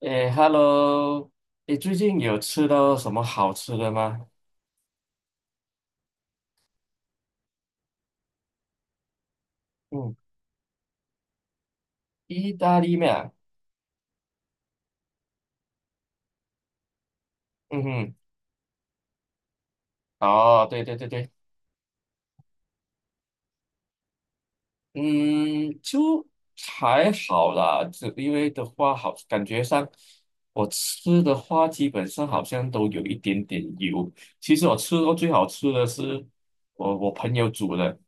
诶，Hello，你最近有吃到什么好吃的吗？嗯，意大利面啊。嗯哼。哦，对对对对。嗯，就还好啦，只因为的话好，感觉上我吃的话，基本上好像都有一点点油。其实我吃过最好吃的是我朋友煮的。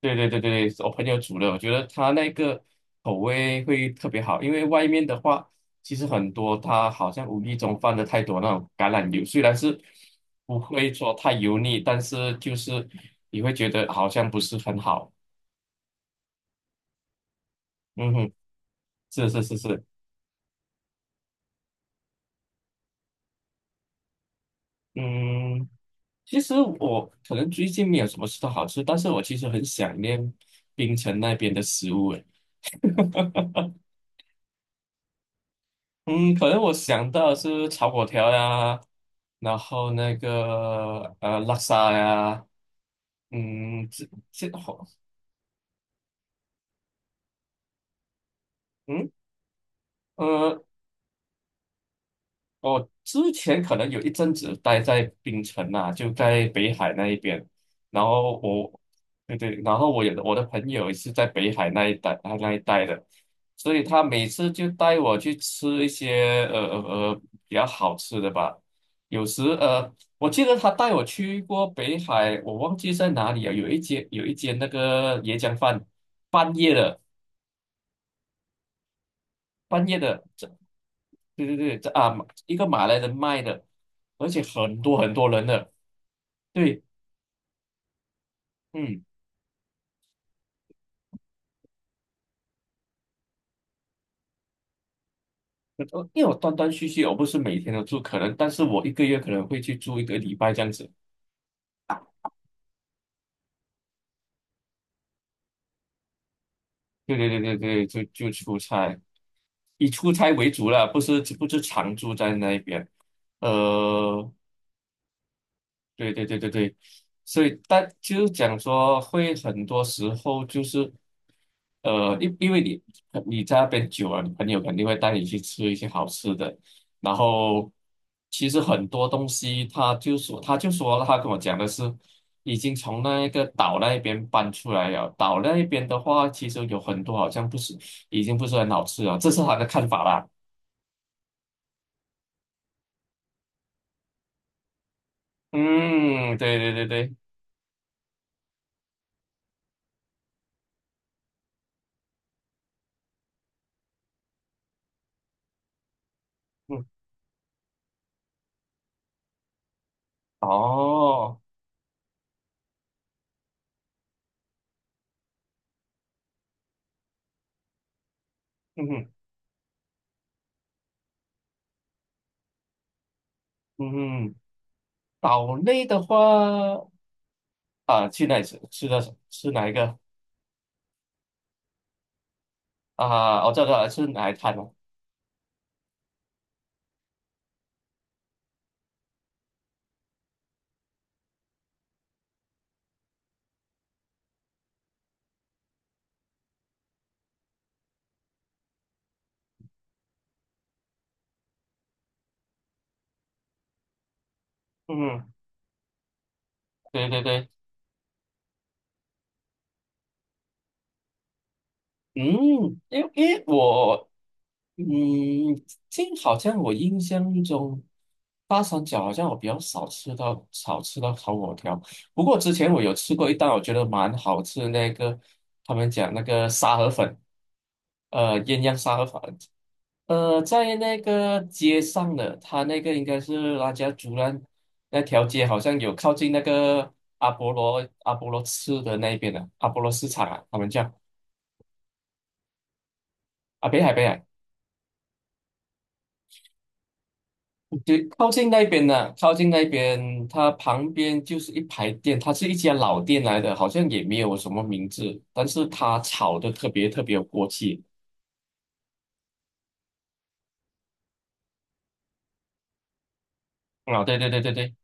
对对对对，我朋友煮的，我觉得他那个口味会特别好，因为外面的话，其实很多他好像无意中放的太多那种橄榄油，虽然是不会说太油腻，但是就是你会觉得好像不是很好。嗯哼，是是是是。嗯，其实我可能最近没有什么吃到好吃，但是我其实很想念槟城那边的食物。嗯，可能我想到的是炒粿条呀，然后那个拉萨呀。嗯，这这好。嗯呃我之前可能有一阵子待在槟城啊，就在北海那一边，然后我，对对，然后我的朋友也是在北海那一带那一带的，所以他每次就带我去吃一些比较好吃的吧。有时我记得他带我去过北海，我忘记在哪里了，有一间那个椰浆饭，半夜的半夜的。对对对，这啊，一个马来人卖的，而且很多很多人的。对。嗯，呃因为我断断续续，我不是每天都住，可能，但是我一个月可能会去住一个礼拜这样子。对对对对对，就就出差，以出差为主了，不是常住在那边。呃，对对对对对，所以但就是讲说，会很多时候就是，因为你在那边久了，你朋友肯定会带你去吃一些好吃的，然后其实很多东西，他就说了他跟我讲的是，已经从那个岛那边搬出来了，岛那边的话，其实有很多好像不是已经不是很好吃了，这是他的看法啦。嗯，对对对对。嗯。哦。嗯哼。嗯哼。岛内的话，啊，去哪里吃吃的吃哪一个啊？我知道是吃哪一摊了？嗯，对对对。嗯，因为我。嗯，这好像我印象中，八三角好像我比较少吃到烤火条，不过之前我有吃过一道，我觉得蛮好吃的那个，他们讲那个沙河粉。鸳鸯沙河粉。在那个街上的，他那个应该是拉加竹兰那条街，好像有靠近那个阿波罗市的那边的阿波罗市场啊，他们叫啊。北海，北海，对，靠近那边的，靠近那边，它旁边就是一排店，它是一家老店来的，好像也没有什么名字，但是它炒的特别特别有锅气啊。对对对对对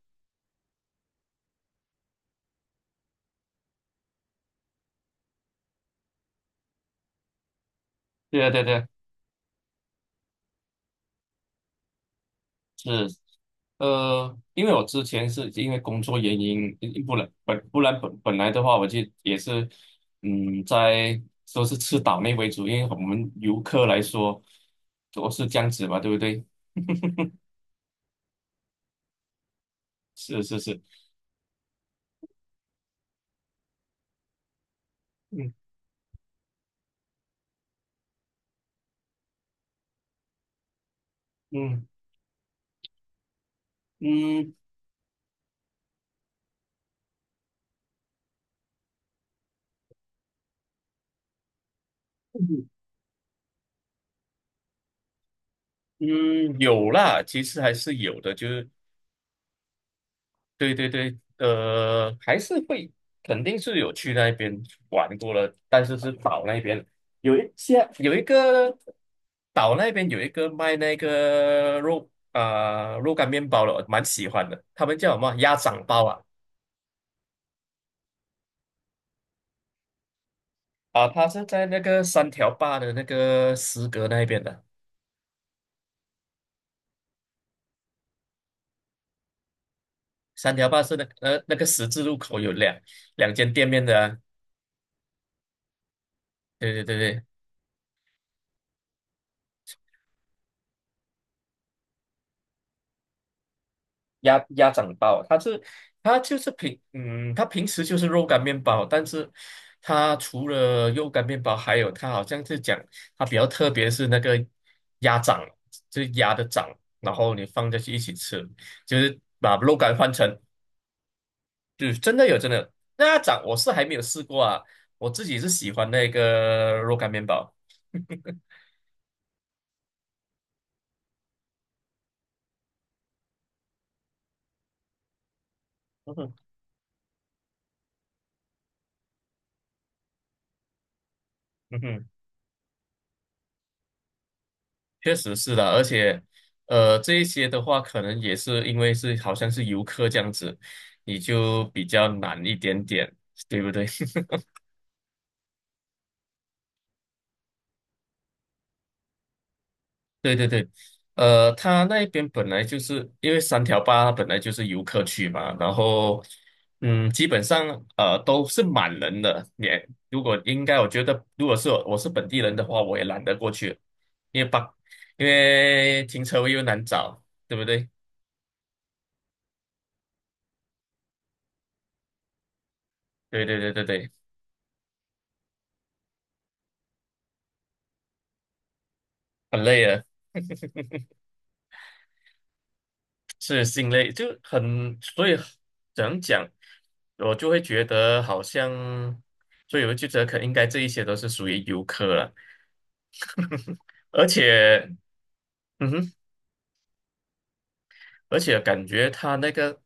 对对对对。是，因为我之前是因为工作原因，不然本不然本本来的话，我就也是。嗯，在都是吃岛内为主，因为我们游客来说，都是这样子嘛，对不对？是是是。嗯嗯嗯嗯，有啦，其实还是有的，就是。对对对。还是会，肯定是有去那边玩过了，但是是岛那边有一些有一个岛那边有一个卖那个肉啊、肉干面包的，我蛮喜欢的，他们叫什么鸭掌包啊。啊，它是在那个三条坝的那个石阁那边的。三条坝是那那个十字路口有两间店面的啊。对对对对，鸭掌包啊，它是它平时就是肉干面包，但是它除了肉干面包，还有它好像是讲它比较特别是那个鸭掌，就是鸭的掌，然后你放进去一起吃，就是把肉干换成，就是真的有真的那鸭掌，我是还没有试过啊，我自己是喜欢那个肉干面包。嗯哼。嗯哼。确实是的，而且，这一些的话，可能也是因为是好像是游客这样子，你就比较难一点点，对不对？对对对。他那边本来就是因为三条坝它本来就是游客区嘛，然后，嗯，基本上都是满人的。也如果应该，我觉得如果是我是本地人的话，我也懒得过去，因为把因为停车位又难找，对不对？对对对对对，很累啊。是心累，就很，所以怎样讲，我就会觉得好像，所以我就觉得可应该这一些都是属于游客了，而且，嗯哼，而且感觉他那个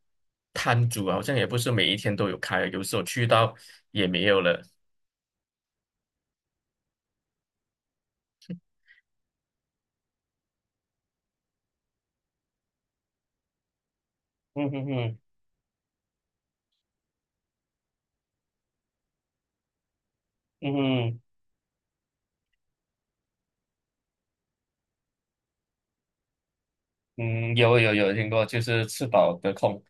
摊主啊好像也不是每一天都有开，有时候去到也没有了。嗯哼哼。嗯哼。嗯，有有有听过，就是吃饱得空。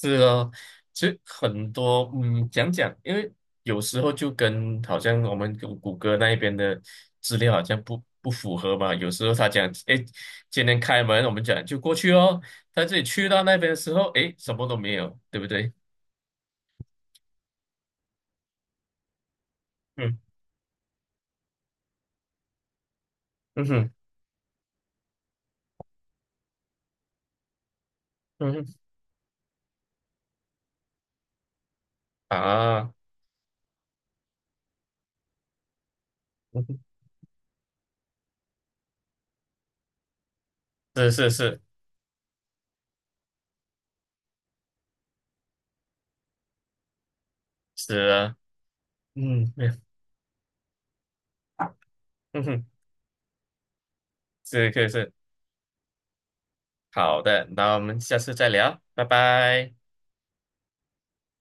是哦，其实很多嗯，讲讲，因为有时候就跟好像我们谷歌那一边的资料好像不符合嘛。有时候他讲，哎，今天开门，我们讲就过去哦。他自己去到那边的时候，哎，什么都没有，对不对？嗯嗯哼。嗯哼啊。嗯哼。是是是是啊。嗯没有。嗯哼，是可以是好的，那我们下次再聊，拜拜。